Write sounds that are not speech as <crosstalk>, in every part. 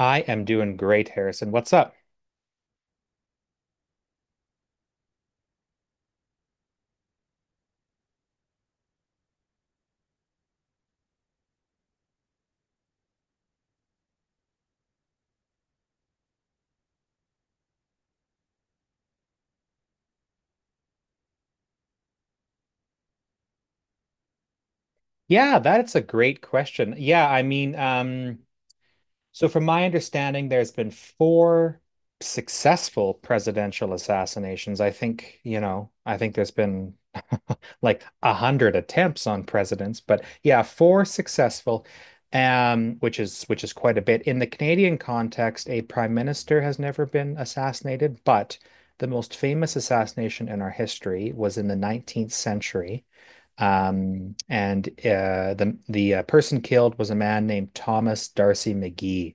I am doing great, Harrison. What's up? Yeah, that's a great question. Yeah, I mean, so from my understanding, there's been four successful presidential assassinations. I think there's been <laughs> like 100 attempts on presidents, but yeah, four successful, which is quite a bit. In the Canadian context, a prime minister has never been assassinated, but the most famous assassination in our history was in the 19th century. And the person killed was a man named Thomas Darcy McGee.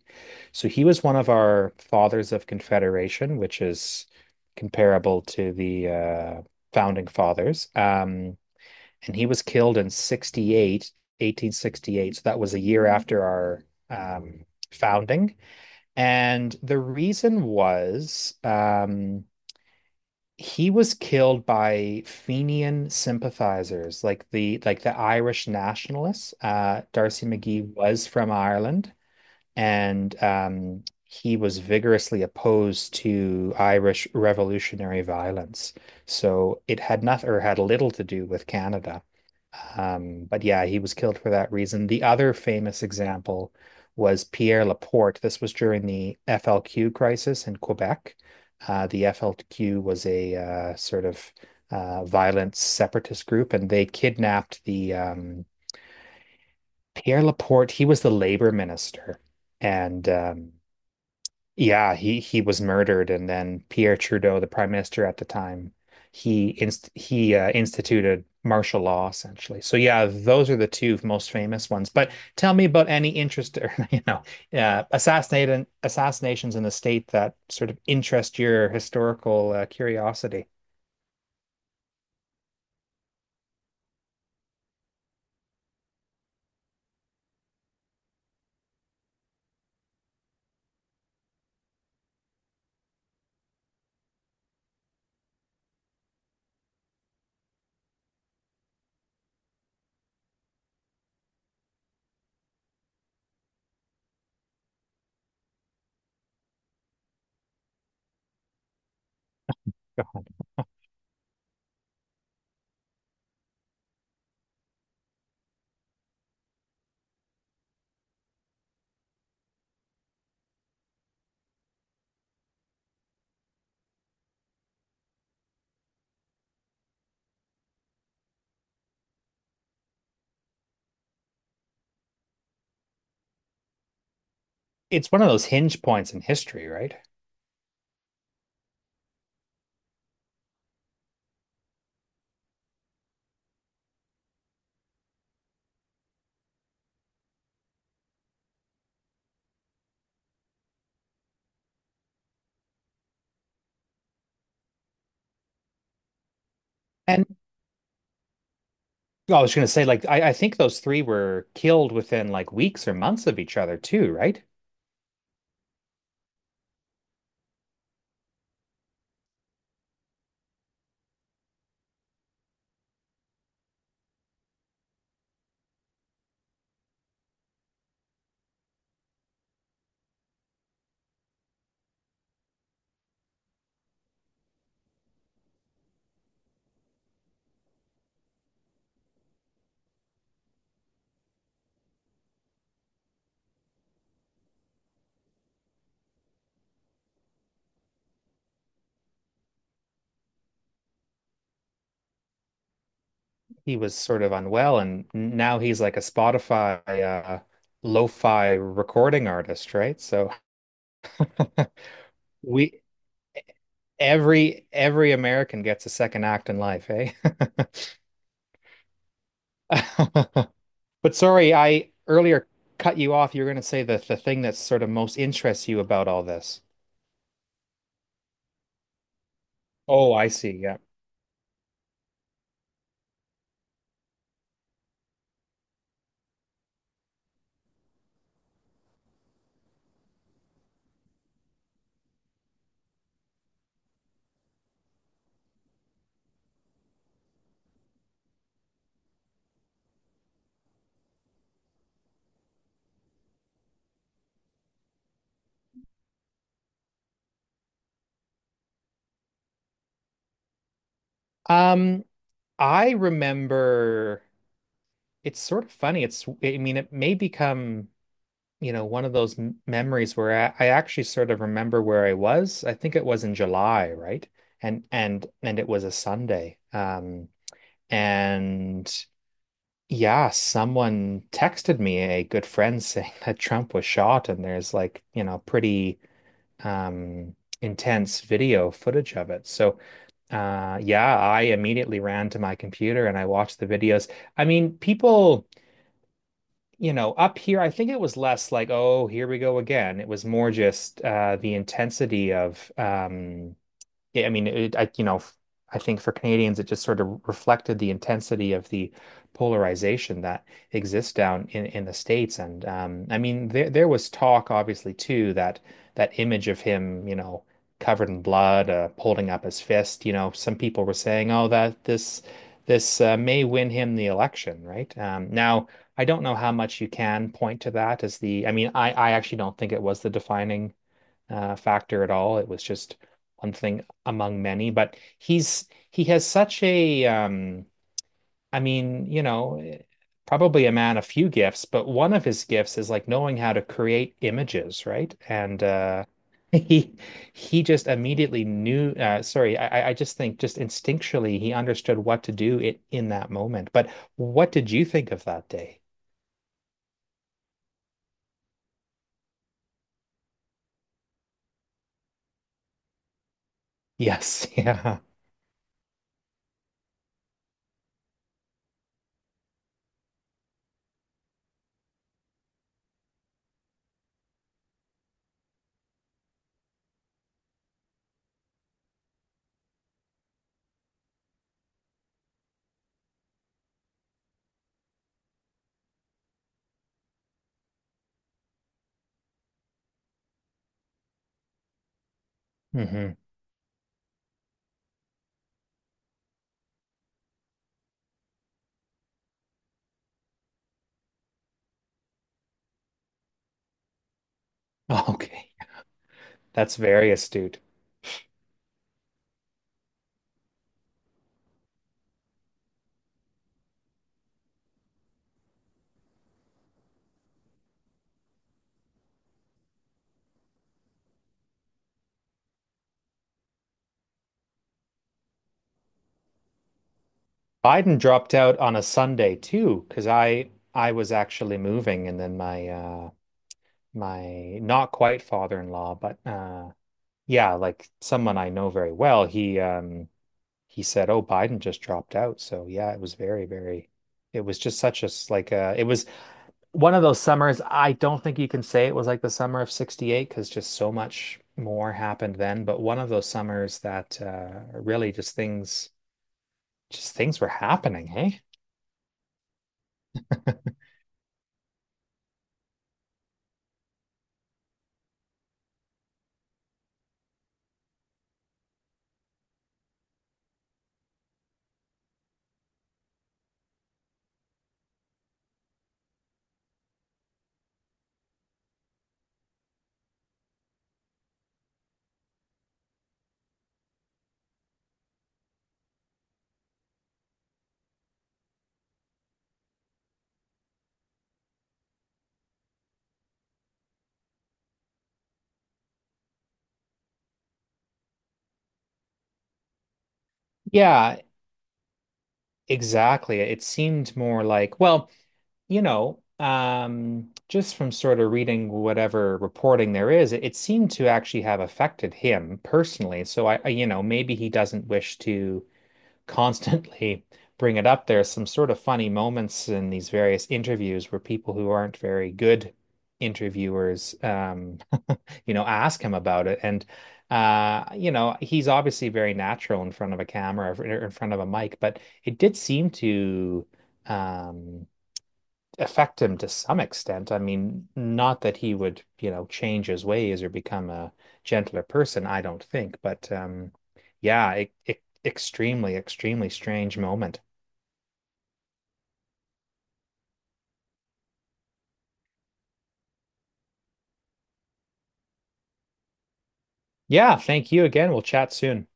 So he was one of our Fathers of Confederation, which is comparable to the Founding Fathers. And he was killed in 1868. So that was a year after our um, founding. And the reason was he was killed by Fenian sympathizers, like the Irish nationalists. Darcy McGee was from Ireland, and he was vigorously opposed to Irish revolutionary violence. So it had nothing or had little to do with Canada. But yeah, he was killed for that reason. The other famous example was Pierre Laporte. This was during the FLQ crisis in Quebec. The FLQ was a sort of violent separatist group, and they kidnapped the Pierre Laporte. He was the labor minister, and yeah, he was murdered, and then Pierre Trudeau, the prime minister at the time, he instituted martial law essentially. So yeah, those are the two most famous ones. But tell me about any interest or <laughs> assassinations in the state that sort of interest your historical curiosity. It's one of those hinge points in history, right? And well, I was going to say, like, I think those three were killed within like weeks or months of each other too, right? He was sort of unwell, and now he's like a Spotify lo-fi recording artist, right? So <laughs> we every American gets a second act in life, eh? <laughs> But sorry, I earlier cut you off. You are going to say that the thing that sort of most interests you about all this. Oh, I see. Yeah. Um, I remember it's sort of funny. It's, I mean, it may become one of those m memories where I actually sort of remember where I was. I think it was in July, right? And it was a Sunday. And yeah, someone texted me, a good friend, <laughs> saying that Trump was shot, and there's like, pretty um intense video footage of it. So, yeah, I immediately ran to my computer and I watched the videos. I mean, people up here, I think it was less like, oh, here we go again. It was more just the intensity of I mean, it, I, you know, I think for Canadians, it just sort of reflected the intensity of the polarization that exists down in the States. And I mean, there was talk, obviously, too, that that image of him, covered in blood, holding up his fist. Some people were saying, "Oh, that this may win him the election," right? Now, I don't know how much you can point to that as the. I mean, I actually don't think it was the defining factor at all. It was just one thing among many. But he has such a I mean, probably a man of few gifts, but one of his gifts is like knowing how to create images, right? And <laughs> he he just immediately knew. Sorry, I just think just instinctually he understood what to do it in that moment. But what did you think of that day? Yes, <laughs> yeah. Hmm. Okay. That's very astute. Biden dropped out on a Sunday too, because I was actually moving, and then my not quite father-in-law, but yeah, like someone I know very well, he said, "Oh, Biden just dropped out." So yeah, it was very, very. It was just such a s- like it was one of those summers. I don't think you can say it was like the summer of '68 because just so much more happened then. But one of those summers that really just things were happening, hey? <laughs> Yeah, exactly. It seemed more like, well, just from sort of reading whatever reporting there is, it seemed to actually have affected him personally. So maybe he doesn't wish to constantly <laughs> bring it up. There's some sort of funny moments in these various interviews where people who aren't very good interviewers, ask him about it. And he's obviously very natural in front of a camera or in front of a mic, but it did seem to um affect him to some extent. I mean, not that he would, change his ways or become a gentler person, I don't think, but yeah, it extremely, extremely strange moment. Yeah, thank you again. We'll chat soon.